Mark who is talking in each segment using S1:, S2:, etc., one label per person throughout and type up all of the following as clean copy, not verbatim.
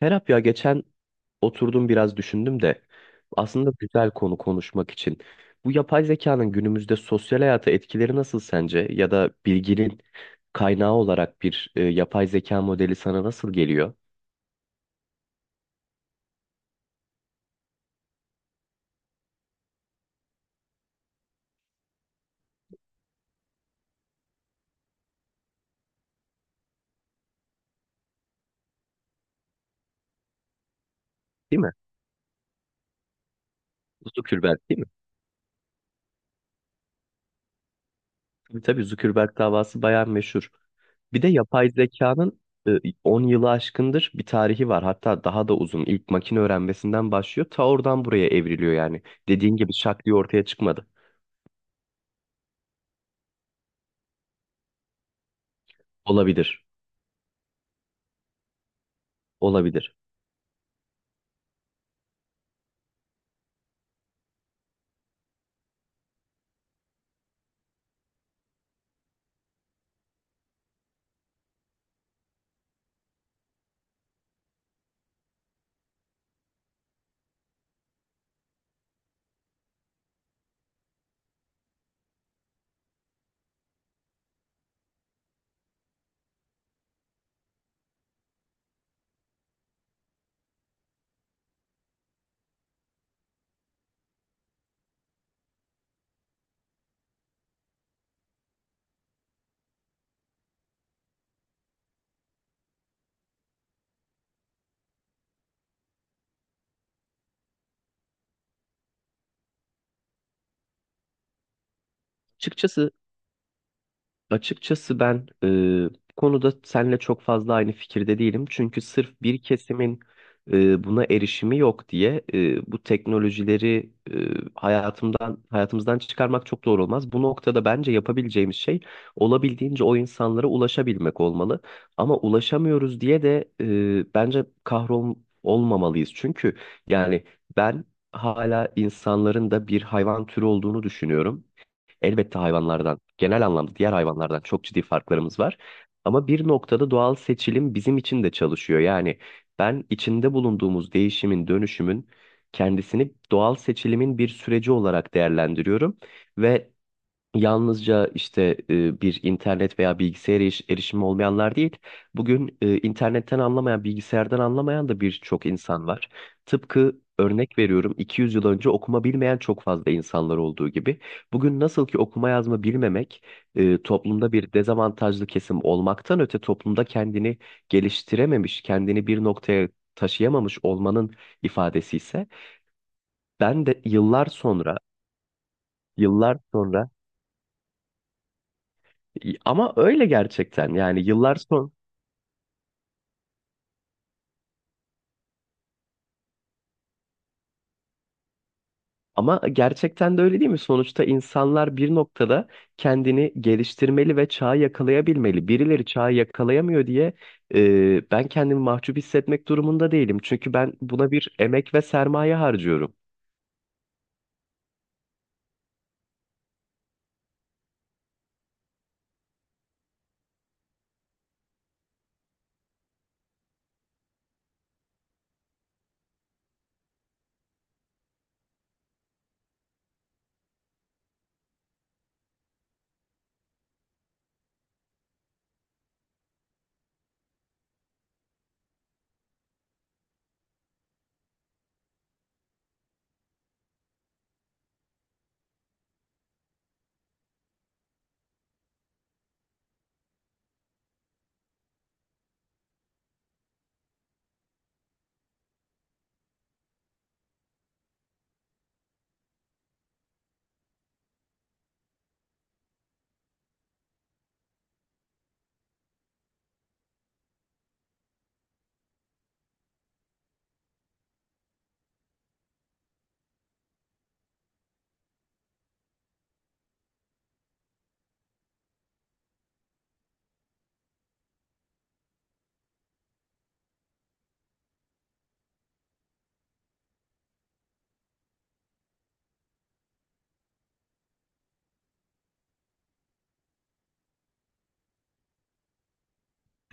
S1: Serap ya geçen oturdum biraz düşündüm de aslında güzel konu konuşmak için. Bu yapay zekanın günümüzde sosyal hayata etkileri nasıl sence? Ya da bilginin kaynağı olarak bir yapay zeka modeli sana nasıl geliyor? Değil mi? Zuckerberg değil mi? Tabii tabii, Zuckerberg davası bayağı meşhur. Bir de yapay zekanın e, 10 yılı aşkındır bir tarihi var. Hatta daha da uzun. İlk makine öğrenmesinden başlıyor. Ta oradan buraya evriliyor yani. Dediğin gibi şak diye ortaya çıkmadı. Olabilir. Olabilir. Açıkçası Açıkçası ben, bu konuda seninle çok fazla aynı fikirde değilim. Çünkü sırf bir kesimin buna erişimi yok diye bu teknolojileri hayatımdan hayatımızdan çıkarmak çok doğru olmaz. Bu noktada bence yapabileceğimiz şey olabildiğince o insanlara ulaşabilmek olmalı. Ama ulaşamıyoruz diye de bence kahrol olmamalıyız. Çünkü yani ben hala insanların da bir hayvan türü olduğunu düşünüyorum. Elbette hayvanlardan, genel anlamda diğer hayvanlardan çok ciddi farklarımız var. Ama bir noktada doğal seçilim bizim için de çalışıyor. Yani ben içinde bulunduğumuz değişimin, dönüşümün kendisini doğal seçilimin bir süreci olarak değerlendiriyorum ve yalnızca işte bir internet veya bilgisayara erişimi olmayanlar değil, bugün internetten anlamayan, bilgisayardan anlamayan da birçok insan var. Tıpkı örnek veriyorum, 200 yıl önce okuma bilmeyen çok fazla insanlar olduğu gibi. Bugün nasıl ki okuma yazma bilmemek toplumda bir dezavantajlı kesim olmaktan öte toplumda kendini geliştirememiş, kendini bir noktaya taşıyamamış olmanın ifadesi ise ben de yıllar sonra, ama öyle gerçekten, yani yıllar sonra ama gerçekten de öyle değil mi? Sonuçta insanlar bir noktada kendini geliştirmeli ve çağı yakalayabilmeli. Birileri çağı yakalayamıyor diye ben kendimi mahcup hissetmek durumunda değilim. Çünkü ben buna bir emek ve sermaye harcıyorum.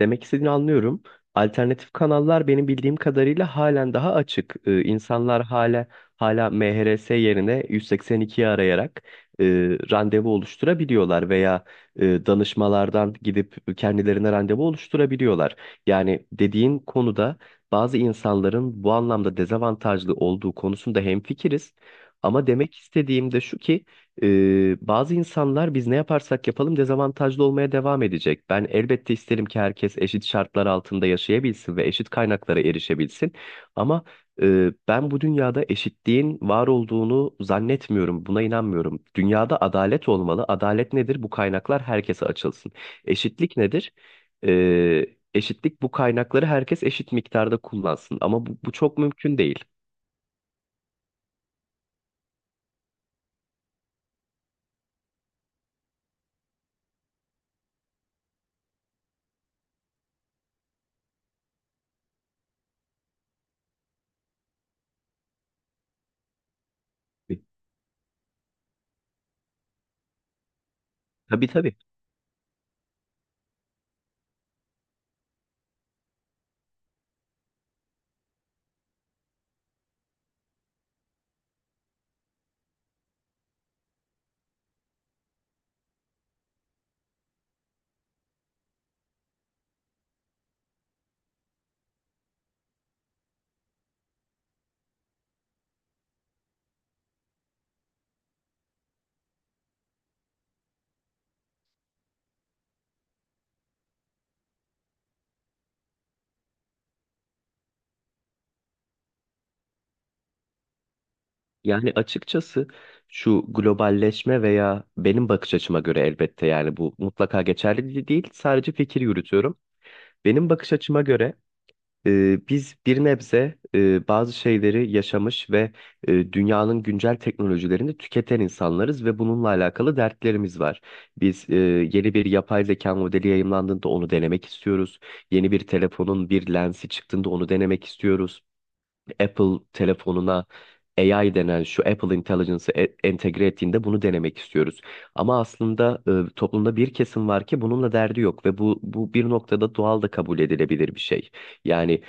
S1: Demek istediğini anlıyorum. Alternatif kanallar benim bildiğim kadarıyla halen daha açık. İnsanlar hala MHRS yerine 182'yi arayarak e, randevu oluşturabiliyorlar veya danışmalardan gidip kendilerine randevu oluşturabiliyorlar. Yani dediğin konuda bazı insanların bu anlamda dezavantajlı olduğu konusunda hemfikiriz. Ama demek istediğim de şu ki bazı insanlar biz ne yaparsak yapalım dezavantajlı olmaya devam edecek. Ben elbette isterim ki herkes eşit şartlar altında yaşayabilsin ve eşit kaynaklara erişebilsin. Ama ben bu dünyada eşitliğin var olduğunu zannetmiyorum, buna inanmıyorum. Dünyada adalet olmalı. Adalet nedir? Bu kaynaklar herkese açılsın. Eşitlik nedir? Ee, Eşitlik bu kaynakları herkes eşit miktarda kullansın. Ama bu çok mümkün değil. Tabii tabii. Yani açıkçası şu globalleşme veya benim bakış açıma göre, elbette yani bu mutlaka geçerli değil, sadece fikir yürütüyorum. Benim bakış açıma göre biz bir nebze bazı şeyleri yaşamış ve dünyanın güncel teknolojilerini tüketen insanlarız ve bununla alakalı dertlerimiz var. Biz yeni bir yapay zeka modeli yayımlandığında onu denemek istiyoruz. Yeni bir telefonun bir lensi çıktığında onu denemek istiyoruz. Apple telefonuna AI denen şu Apple Intelligence'ı entegre ettiğinde bunu denemek istiyoruz. Ama aslında toplumda bir kesim var ki bununla derdi yok ve bu bir noktada doğal da kabul edilebilir bir şey. Yani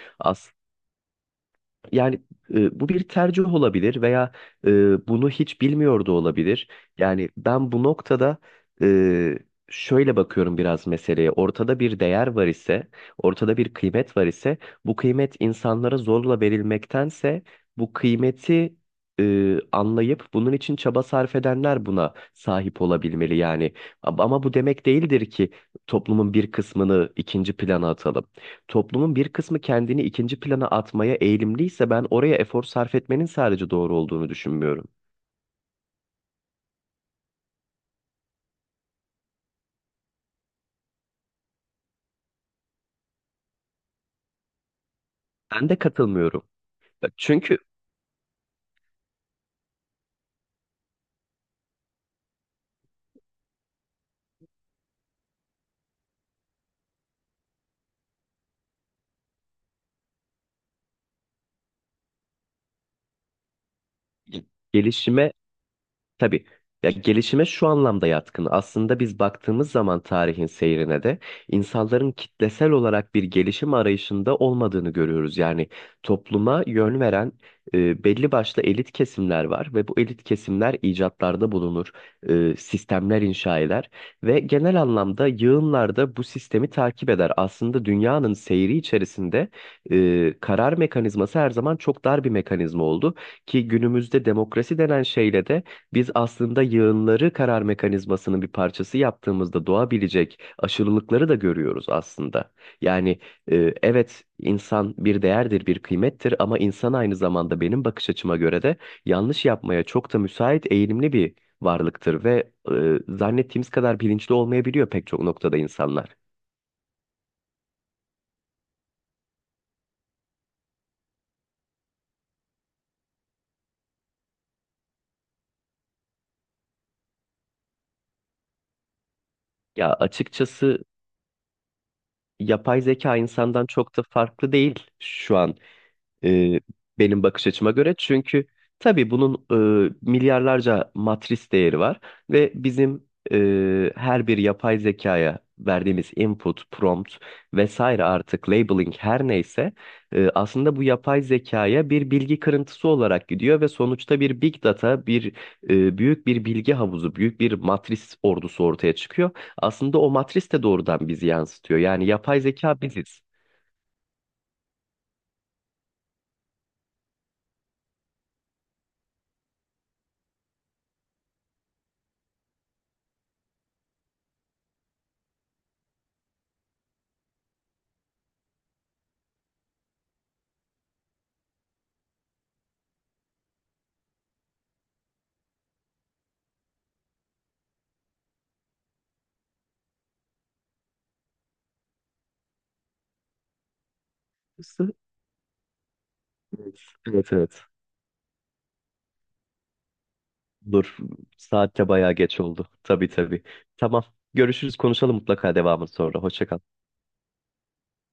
S1: yani bu bir tercih olabilir veya bunu hiç bilmiyor da olabilir. Yani ben bu noktada e, şöyle bakıyorum biraz meseleye. Ortada bir değer var ise, ortada bir kıymet var ise, bu kıymet insanlara zorla verilmektense bu kıymeti anlayıp bunun için çaba sarf edenler buna sahip olabilmeli yani. Ama bu demek değildir ki toplumun bir kısmını ikinci plana atalım. Toplumun bir kısmı kendini ikinci plana atmaya eğilimliyse ben oraya efor sarf etmenin sadece doğru olduğunu düşünmüyorum. Ben de katılmıyorum. Çünkü gelişime. Tabii. Ya gelişime şu anlamda yatkın. Aslında biz baktığımız zaman tarihin seyrine de insanların kitlesel olarak bir gelişim arayışında olmadığını görüyoruz. Yani topluma yön veren belli başlı elit kesimler var ve bu elit kesimler icatlarda bulunur, sistemler inşa eder ve genel anlamda yığınlarda bu sistemi takip eder. Aslında dünyanın seyri içerisinde karar mekanizması her zaman çok dar bir mekanizma oldu ki günümüzde demokrasi denen şeyle de biz aslında yığınları karar mekanizmasının bir parçası yaptığımızda doğabilecek aşırılıkları da görüyoruz aslında. Yani evet, insan bir değerdir, bir kıymettir, ama insan aynı zamanda benim bakış açıma göre de yanlış yapmaya çok da müsait, eğilimli bir varlıktır ve zannettiğimiz kadar bilinçli olmayabiliyor pek çok noktada insanlar. Ya açıkçası yapay zeka insandan çok da farklı değil şu an, e, benim bakış açıma göre. Çünkü tabii bunun milyarlarca matris değeri var ve bizim her bir yapay zekaya verdiğimiz input, prompt vesaire, artık labeling her neyse, aslında bu yapay zekaya bir bilgi kırıntısı olarak gidiyor ve sonuçta bir big data, bir büyük bir bilgi havuzu, büyük bir matris ordusu ortaya çıkıyor. Aslında o matris de doğrudan bizi yansıtıyor. Yani yapay zeka biziz. Evet, evet. Dur. Saatte bayağı geç oldu. Tabii tabii. Tamam. Görüşürüz, konuşalım mutlaka devamı sonra. Hoşça kal.